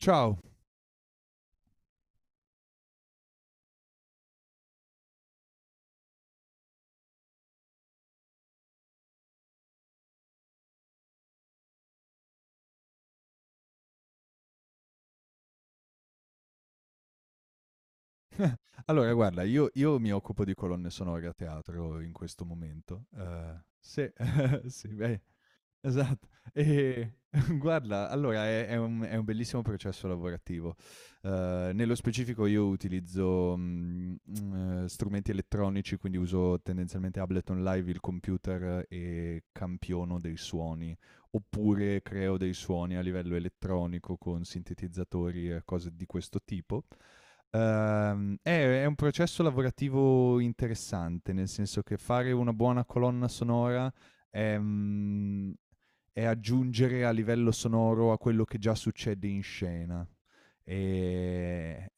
Ciao. Allora guarda, io mi occupo di colonne sonore a teatro in questo momento. Sì, sì, beh, esatto. Ehm, guarda, allora è un bellissimo processo lavorativo. Nello specifico io utilizzo, strumenti elettronici, quindi uso tendenzialmente Ableton Live, il computer e campiono dei suoni, oppure creo dei suoni a livello elettronico con sintetizzatori e cose di questo tipo. Ehm, è, è un processo lavorativo interessante, nel senso che fare una buona colonna sonora è, è aggiungere a livello sonoro a quello che già succede in scena. E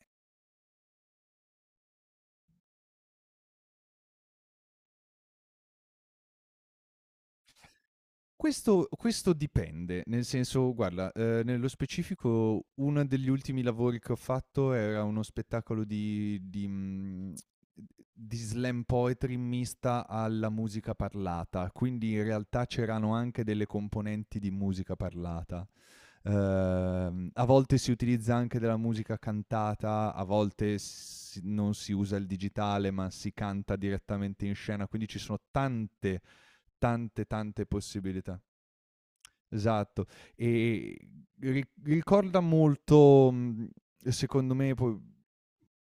questo dipende, nel senso guarda, nello specifico uno degli ultimi lavori che ho fatto era uno spettacolo di di slam poetry mista alla musica parlata, quindi in realtà c'erano anche delle componenti di musica parlata. A volte si utilizza anche della musica cantata, a volte s non si usa il digitale, ma si canta direttamente in scena, quindi ci sono tante possibilità. Esatto. E ri ricorda molto, secondo me po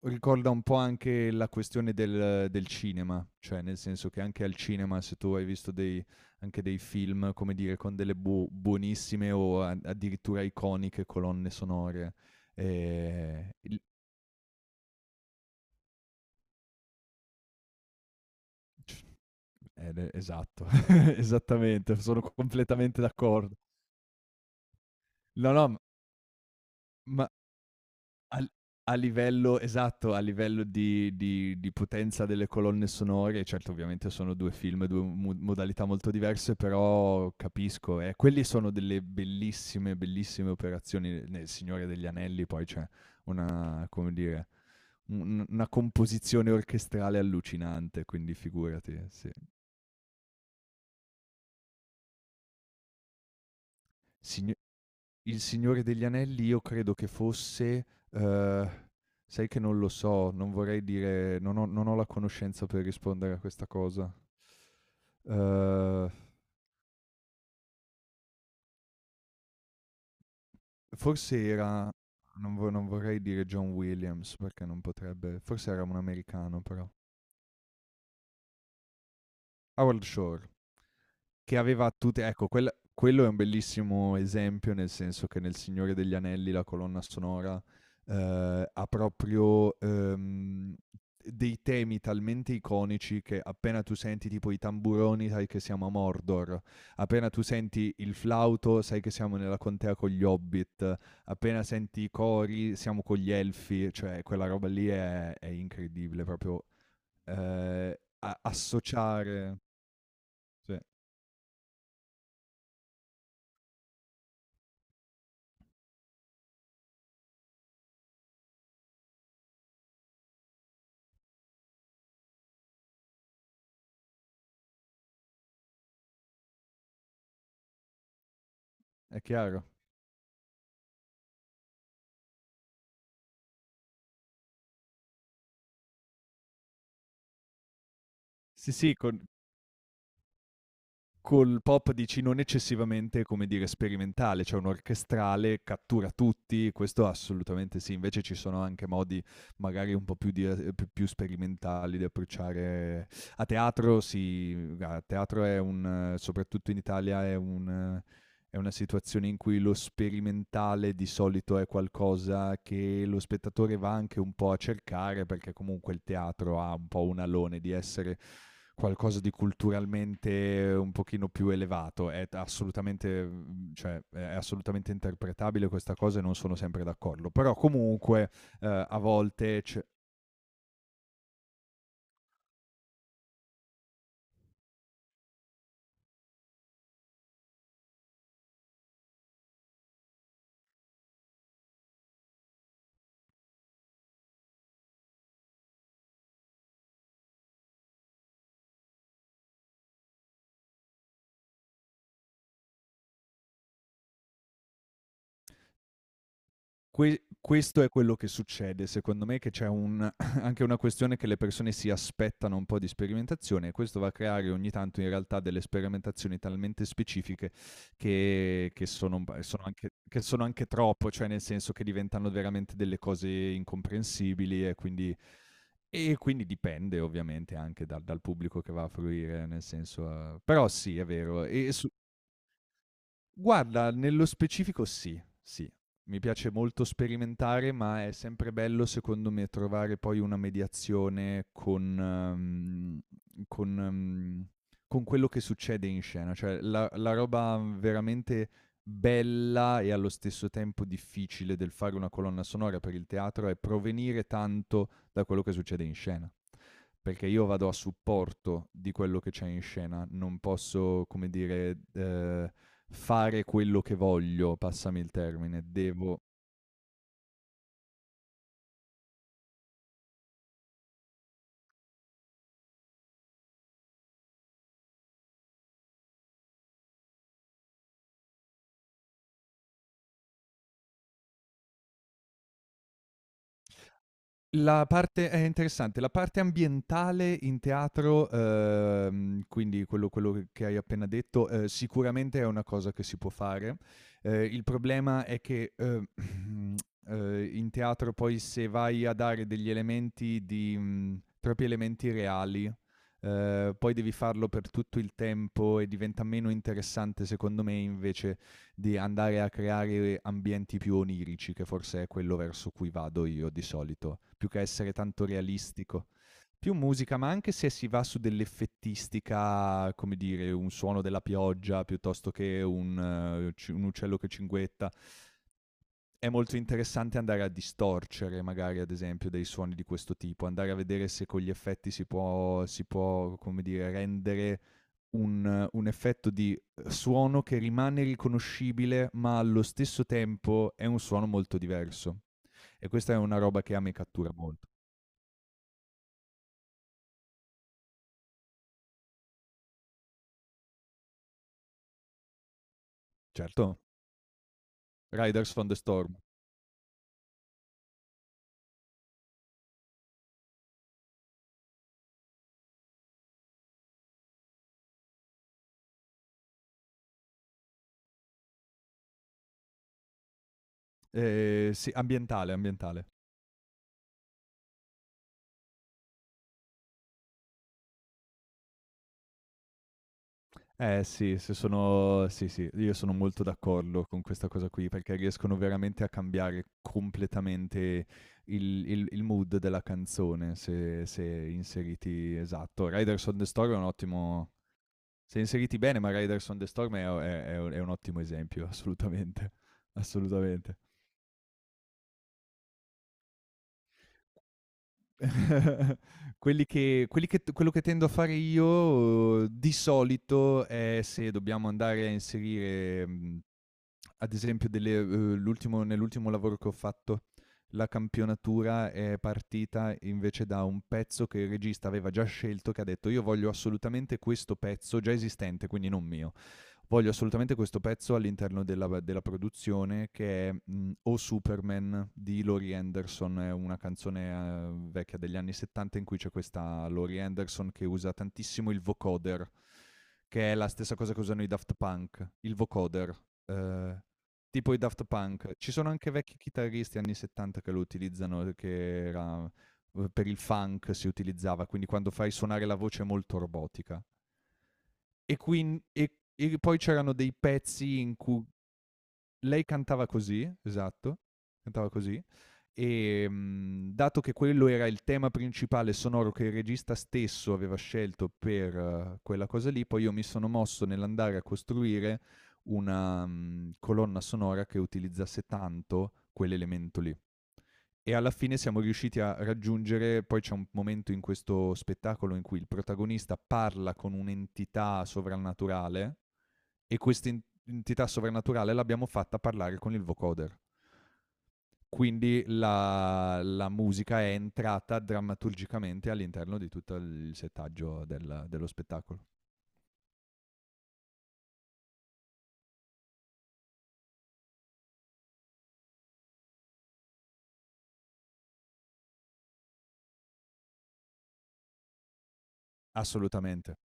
ricorda un po' anche la questione del cinema, cioè nel senso che anche al cinema se tu hai visto dei anche dei film, come dire, con delle buonissime o a addirittura iconiche colonne sonore, il c ed esatto, esattamente, sono completamente d'accordo. No, no, m ma Al A livello esatto, a livello di potenza delle colonne sonore, certo ovviamente sono 2 film, 2 mo modalità molto diverse, però capisco, quelli sono delle bellissime operazioni. Nel Signore degli Anelli poi c'è una, come dire, un una composizione orchestrale allucinante, quindi figurati, sì. Sign Il Signore degli Anelli io credo che fosse uhm, sai che non lo so, non vorrei dire, non ho la conoscenza per rispondere a questa cosa. Uhm, Forse era, non vorrei dire John Williams, perché non potrebbe, forse era un americano però. Howard Shore. Che aveva tutte, ecco, quello è un bellissimo esempio, nel senso che nel Signore degli Anelli la colonna sonora, ha proprio, dei temi talmente iconici che appena tu senti tipo i tamburoni sai che siamo a Mordor, appena tu senti il flauto sai che siamo nella contea con gli Hobbit, appena senti i cori siamo con gli Elfi, cioè quella roba lì è incredibile proprio, ehm, a associare sì, è chiaro. Sì, sì, con col pop dici non eccessivamente, come dire, sperimentale, cioè un orchestrale, cattura tutti, questo assolutamente sì. Invece ci sono anche modi magari un po' più di più sperimentali di approcciare. A teatro è un, soprattutto in Italia è un è una situazione in cui lo sperimentale di solito è qualcosa che lo spettatore va anche un po' a cercare, perché comunque il teatro ha un po' un alone di essere qualcosa di culturalmente un pochino più elevato. Cioè, è assolutamente interpretabile questa cosa e non sono sempre d'accordo. Però comunque, eh, a volte c- questo è quello che succede, secondo me, che c'è un anche una questione che le persone si aspettano un po' di sperimentazione e questo va a creare ogni tanto in realtà delle sperimentazioni talmente specifiche che sono un p sono anche, che sono anche troppo, cioè nel senso che diventano veramente delle cose incomprensibili e quindi dipende ovviamente anche dal pubblico che va a fruire, nel senso, però sì, è vero. E su Guarda, nello specifico sì, sì. Mi piace molto sperimentare, ma è sempre bello secondo me trovare poi una mediazione con con mhmm, con quello che succede in scena. Cioè la roba veramente bella e allo stesso tempo difficile del fare una colonna sonora per il teatro è provenire tanto da quello che succede in scena, perché io vado a supporto di quello che c'è in scena, non posso, come dire, fare quello che voglio, passami il termine, devo la parte è interessante, la parte ambientale in teatro, quindi quello che hai appena detto, sicuramente è una cosa che si può fare. Il problema è che in teatro poi se vai a dare degli elementi di, troppi elementi reali, poi devi farlo per tutto il tempo e diventa meno interessante. Secondo me invece di andare a creare ambienti più onirici, che forse è quello verso cui vado io di solito, più che essere tanto realistico. Più musica, ma anche se si va su dell'effettistica, come dire, un suono della pioggia piuttosto che un, un uccello che cinguetta, è molto interessante andare a distorcere magari ad esempio dei suoni di questo tipo, andare a vedere se con gli effetti si può, come dire, rendere un effetto di suono che rimane riconoscibile ma allo stesso tempo è un suono molto diverso. E questa è una roba che a me cattura molto. Certo, Riders from the Storm. Sì, ambientale. Eh sì, se sono sì, sì, io sono molto d'accordo con questa cosa qui, perché riescono veramente a cambiare completamente il mood della canzone se se inseriti, esatto. Riders on the Storm è un ottimo, se inseriti bene, ma Riders on the Storm è o è è un ottimo esempio, assolutamente, assolutamente. Quelli che t Quello che tendo a fare io, di solito è se dobbiamo andare a inserire, ad esempio delle, l'ultimo nell'ultimo lavoro che ho fatto, la campionatura è partita invece da un pezzo che il regista aveva già scelto, che ha detto: "Io voglio assolutamente questo pezzo", già esistente, quindi non mio. Voglio assolutamente questo pezzo all'interno della produzione, che è, "O Superman" di Laurie Anderson, è una canzone, vecchia degli anni '70, in cui c'è questa Laurie Anderson che usa tantissimo il vocoder, che è la stessa cosa che usano i Daft Punk, il vocoder. Ehm, tipo i Daft Punk. Ci sono anche vecchi chitarristi anni '70 che lo utilizzano, per il funk si utilizzava, quindi quando fai suonare la voce molto robotica. E quin e poi c'erano dei pezzi in cui lei cantava così, esatto, cantava così, e, dato che quello era il tema principale sonoro che il regista stesso aveva scelto per, quella cosa lì, poi io mi sono mosso nell'andare a costruire una, colonna sonora che utilizzasse tanto quell'elemento lì. E alla fine siamo riusciti a raggiungere, poi c'è un momento in questo spettacolo in cui il protagonista parla con un'entità sovrannaturale, e questa entità sovrannaturale l'abbiamo fatta parlare con il vocoder. Quindi la, la musica è entrata drammaturgicamente all'interno di tutto il settaggio dello spettacolo. Assolutamente.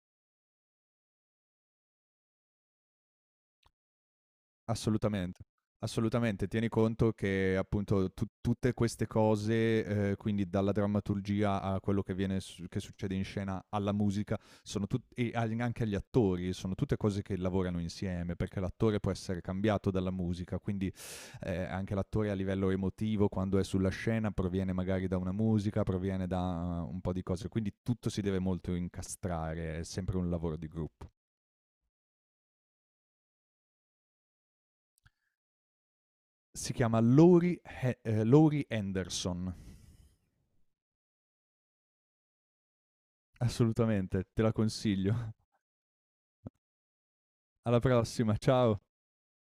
Assolutamente, assolutamente. Tieni conto che appunto tu tutte queste cose, quindi dalla drammaturgia a quello che viene s che succede in scena, alla musica, sono tut e agli anche agli attori, sono tutte cose che lavorano insieme, perché l'attore può essere cambiato dalla musica, quindi, anche l'attore a livello emotivo quando è sulla scena proviene magari da una musica, proviene da un po' di cose, quindi tutto si deve molto incastrare, è sempre un lavoro di gruppo. Si chiama Laurie Henderson. Assolutamente, te la consiglio. Alla prossima, ciao!